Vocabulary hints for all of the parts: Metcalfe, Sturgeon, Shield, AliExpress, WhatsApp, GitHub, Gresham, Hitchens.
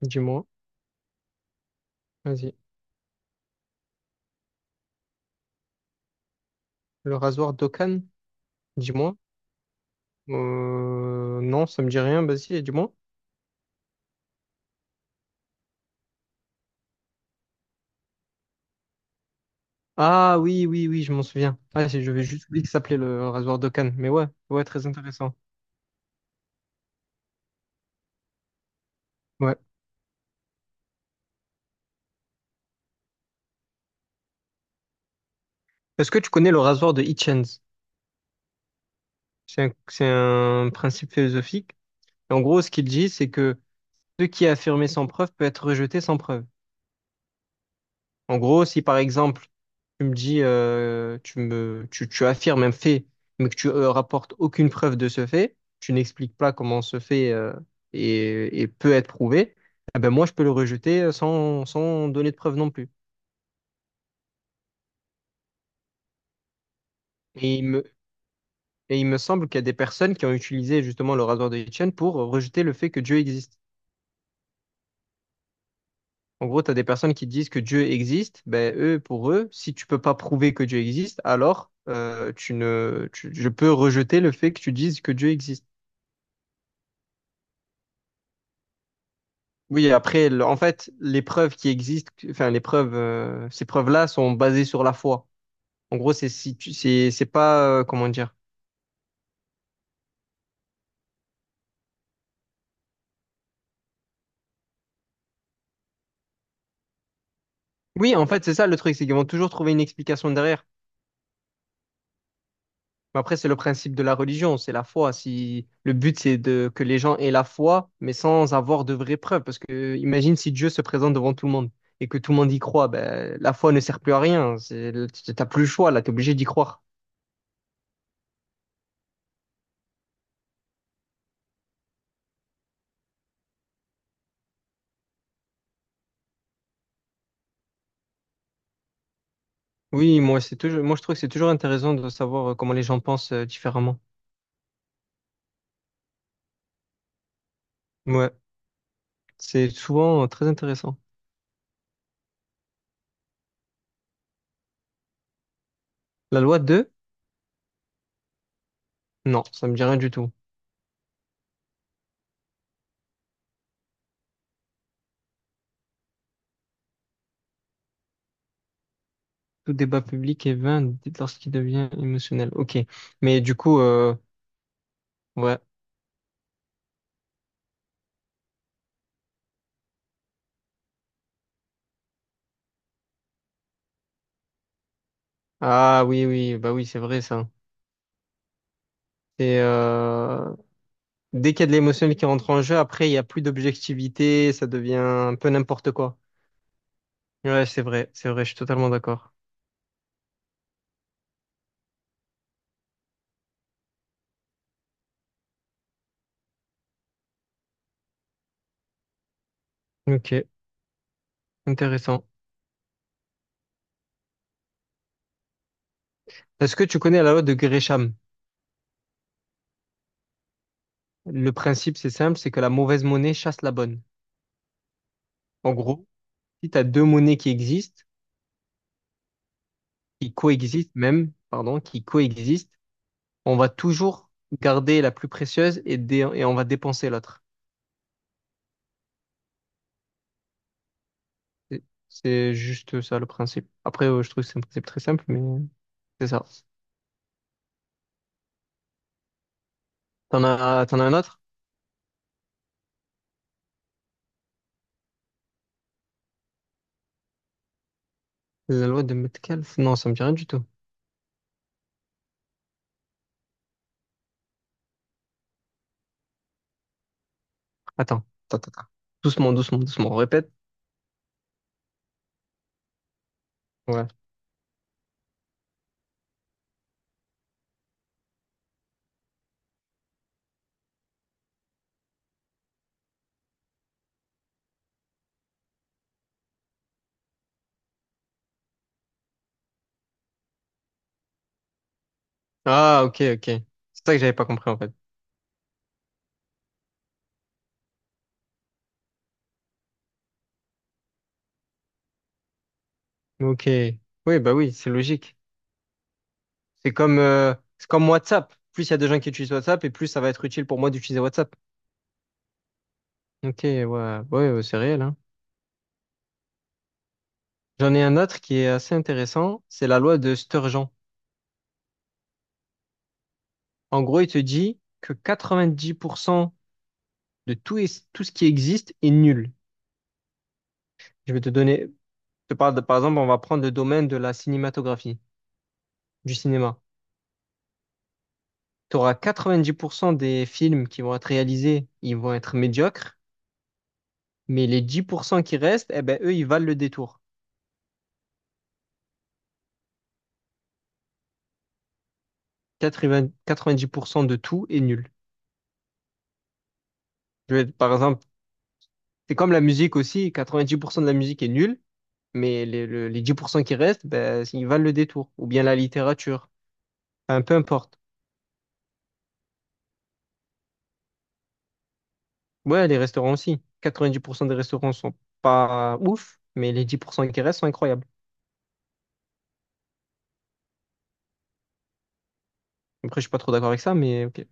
Dis-moi, vas-y. Le rasoir d'Okan, dis-moi. Non, ça me dit rien, vas-y, dis-moi. Ah oui, oui, oui, je m'en souviens. Ah, je vais juste oublier que ça s'appelait le rasoir d'Okan. Mais ouais, ouais, très intéressant. Ouais. Est-ce que tu connais le rasoir de Hitchens? C'est un principe philosophique. Et en gros, ce qu'il dit, c'est que ce qui est affirmé sans preuve peut être rejeté sans preuve. En gros, si par exemple, tu me dis, tu affirmes un fait, mais que tu rapportes aucune preuve de ce fait, tu n'expliques pas comment ce fait peut être prouvé, eh ben moi, je peux le rejeter sans donner de preuve non plus. Et il me, et il me semble qu'il y a des personnes qui ont utilisé justement le rasoir de Hitchens pour rejeter le fait que Dieu existe. En gros, tu as des personnes qui disent que Dieu existe, ben eux, pour eux, si tu peux pas prouver que Dieu existe, alors tu ne, tu- je peux rejeter le fait que tu dises que Dieu existe. Oui, après, en fait, les preuves qui existent, enfin, les preuves, ces preuves-là sont basées sur la foi. En gros, c'est si tu- c'est pas, comment dire. Oui, en fait, c'est ça le truc, c'est qu'ils vont toujours trouver une explication derrière. Mais après, c'est le principe de la religion, c'est la foi. Si le but, c'est de que les gens aient la foi, mais sans avoir de vraies preuves. Parce que, imagine si Dieu se présente devant tout le monde et que tout le monde y croit, ben, la foi ne sert plus à rien. C'est, t'as plus le choix, là, t'es obligé d'y croire. Moi, je trouve que c'est toujours intéressant de savoir comment les gens pensent différemment. Ouais, c'est souvent très intéressant. La loi deux, non, ça me dit rien du tout. Tout débat public est vain dès lorsqu'il devient émotionnel. Ok, mais du coup, ouais. Ah oui, oui, bah oui, c'est vrai ça. Et dès qu'il y a de l'émotionnel qui rentre en jeu, après il y a plus d'objectivité, ça devient un peu n'importe quoi. Ouais, c'est vrai, je suis totalement d'accord. Ok, intéressant. Est-ce que tu connais la loi de Gresham? Le principe, c'est simple, c'est que la mauvaise monnaie chasse la bonne. En gros, si tu as deux monnaies qui coexistent même, pardon, qui coexistent, on va toujours garder la plus précieuse et, et on va dépenser l'autre. C'est c'est juste ça le principe. Après, je trouve que c'est un principe très simple, mais c'est ça. T'en as un autre? La loi de Metcalfe? Non, ça me dit rien du tout. Attends, attends. Doucement, doucement, doucement. On répète. Ouais. Ah, ok. C'est Ça que j'avais pas compris en fait. Ok. Oui, bah oui, c'est logique. C'est comme WhatsApp. Plus il y a de gens qui utilisent WhatsApp et plus ça va être utile pour moi d'utiliser WhatsApp. Ok, ouais, c'est réel, hein. J'en ai un autre qui est assez intéressant, c'est la loi de Sturgeon. En gros, il te dit que 90% tout ce qui existe est nul. Je vais te donner, je te parle de, par exemple, on va prendre le domaine de la cinématographie, du cinéma. Tu auras 90% des films qui vont être réalisés, ils vont être médiocres, mais les 10% qui restent, eh ben, eux, ils valent le détour. 80 90% de tout est nul. Je vais, par exemple, c'est comme la musique aussi, 90% de la musique est nulle, mais les 10% qui restent, ben, ils valent le détour. Ou bien la littérature, enfin, peu importe. Ouais, les restaurants aussi. 90% des restaurants sont pas ouf, mais les 10% qui restent sont incroyables. Après, je suis pas trop d'accord avec ça, mais ok.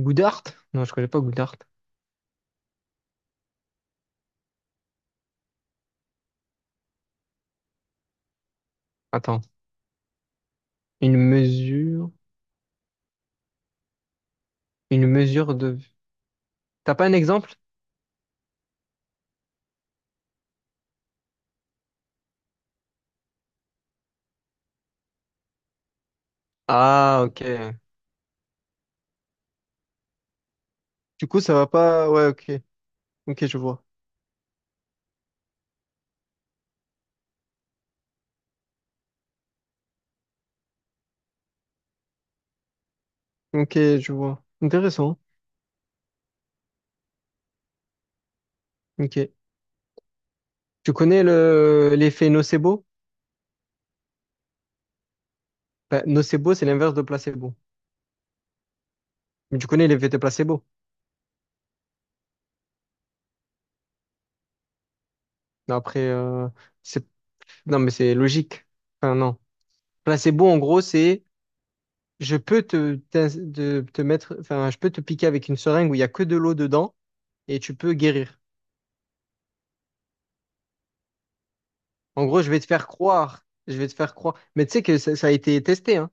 Goudart? Non, je connais pas Goudart. Attends, une mesure, une mesure de... T'as pas un exemple? Ah, ok. Du coup, ça va pas... Ouais, ok. Ok, je vois. Ok, je vois. Intéressant. Ok. Tu connais l'effet nocebo? Ben, nocebo, c'est l'inverse de placebo. Mais tu connais l'effet de placebo. Mais Après, euh, c'est, non, mais c'est logique. Enfin, non. Placebo, en gros, c'est je peux te, t'in- de- te mettre, enfin, je peux te piquer avec une seringue où il n'y a que de l'eau dedans et tu peux guérir. En gros, je vais te faire croire. Je vais te faire croire. Mais tu sais que ça a été testé, hein.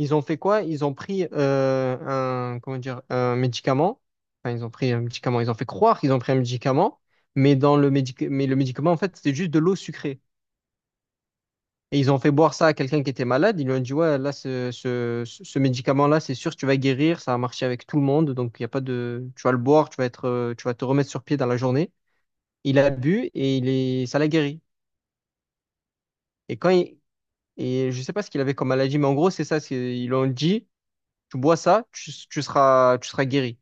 Ils ont fait quoi? Ils ont pris un, comment dire, un médicament. Enfin, ils ont pris un médicament. Ils ont fait croire qu'ils ont pris un médicament, mais le médicament, en fait, c'était juste de l'eau sucrée. Et ils ont fait boire ça à quelqu'un qui était malade. Ils lui ont dit, ouais, là, ce médicament-là, c'est sûr, tu vas guérir. Ça a marché avec tout le monde. Donc, il y a pas de, tu vas le boire, tu vas te remettre sur pied dans la journée. Il a bu et ça l'a guéri. Et quand il, et je sais pas ce qu'il avait comme maladie, mais en gros, c'est ça. Ils lui ont dit, tu bois ça, tu seras guéri.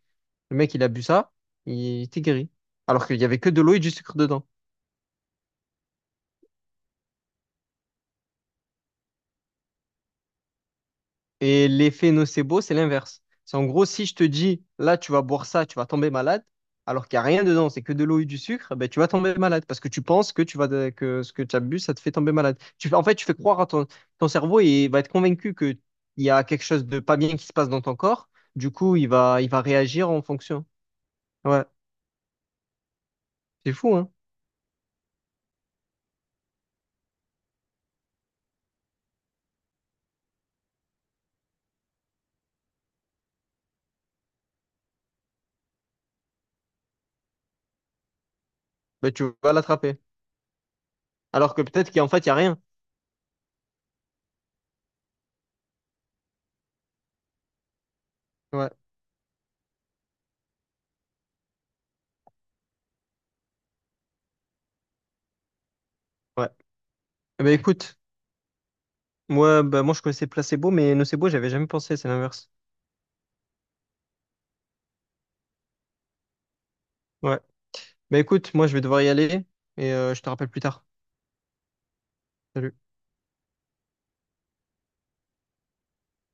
Le mec, il a bu ça, il était guéri. Alors qu'il y avait que de l'eau et du sucre dedans. Et l'effet nocebo, c'est l'inverse. C'est en gros, si je te dis, là, tu vas boire ça, tu vas tomber malade, alors qu'il n'y a rien dedans, c'est que de l'eau et du sucre, ben, tu vas tomber malade parce que tu penses que, que ce que tu as bu, ça te fait tomber malade. Tu fais croire à ton, ton cerveau et il va être convaincu qu'il y a quelque chose de pas bien qui se passe dans ton corps. Du coup, il va réagir en fonction. Ouais, c'est fou, hein? Ben, tu vas l'attraper. Alors que peut-être qu'en fait, il n'y a rien. Ouais, ouais. Eh ben, écoute. Ouais, bah moi je connaissais Placebo, mais Nocebo, j'avais jamais pensé, c'est l'inverse. Ouais. Bah écoute, moi je vais devoir y aller et je te rappelle plus tard. Salut.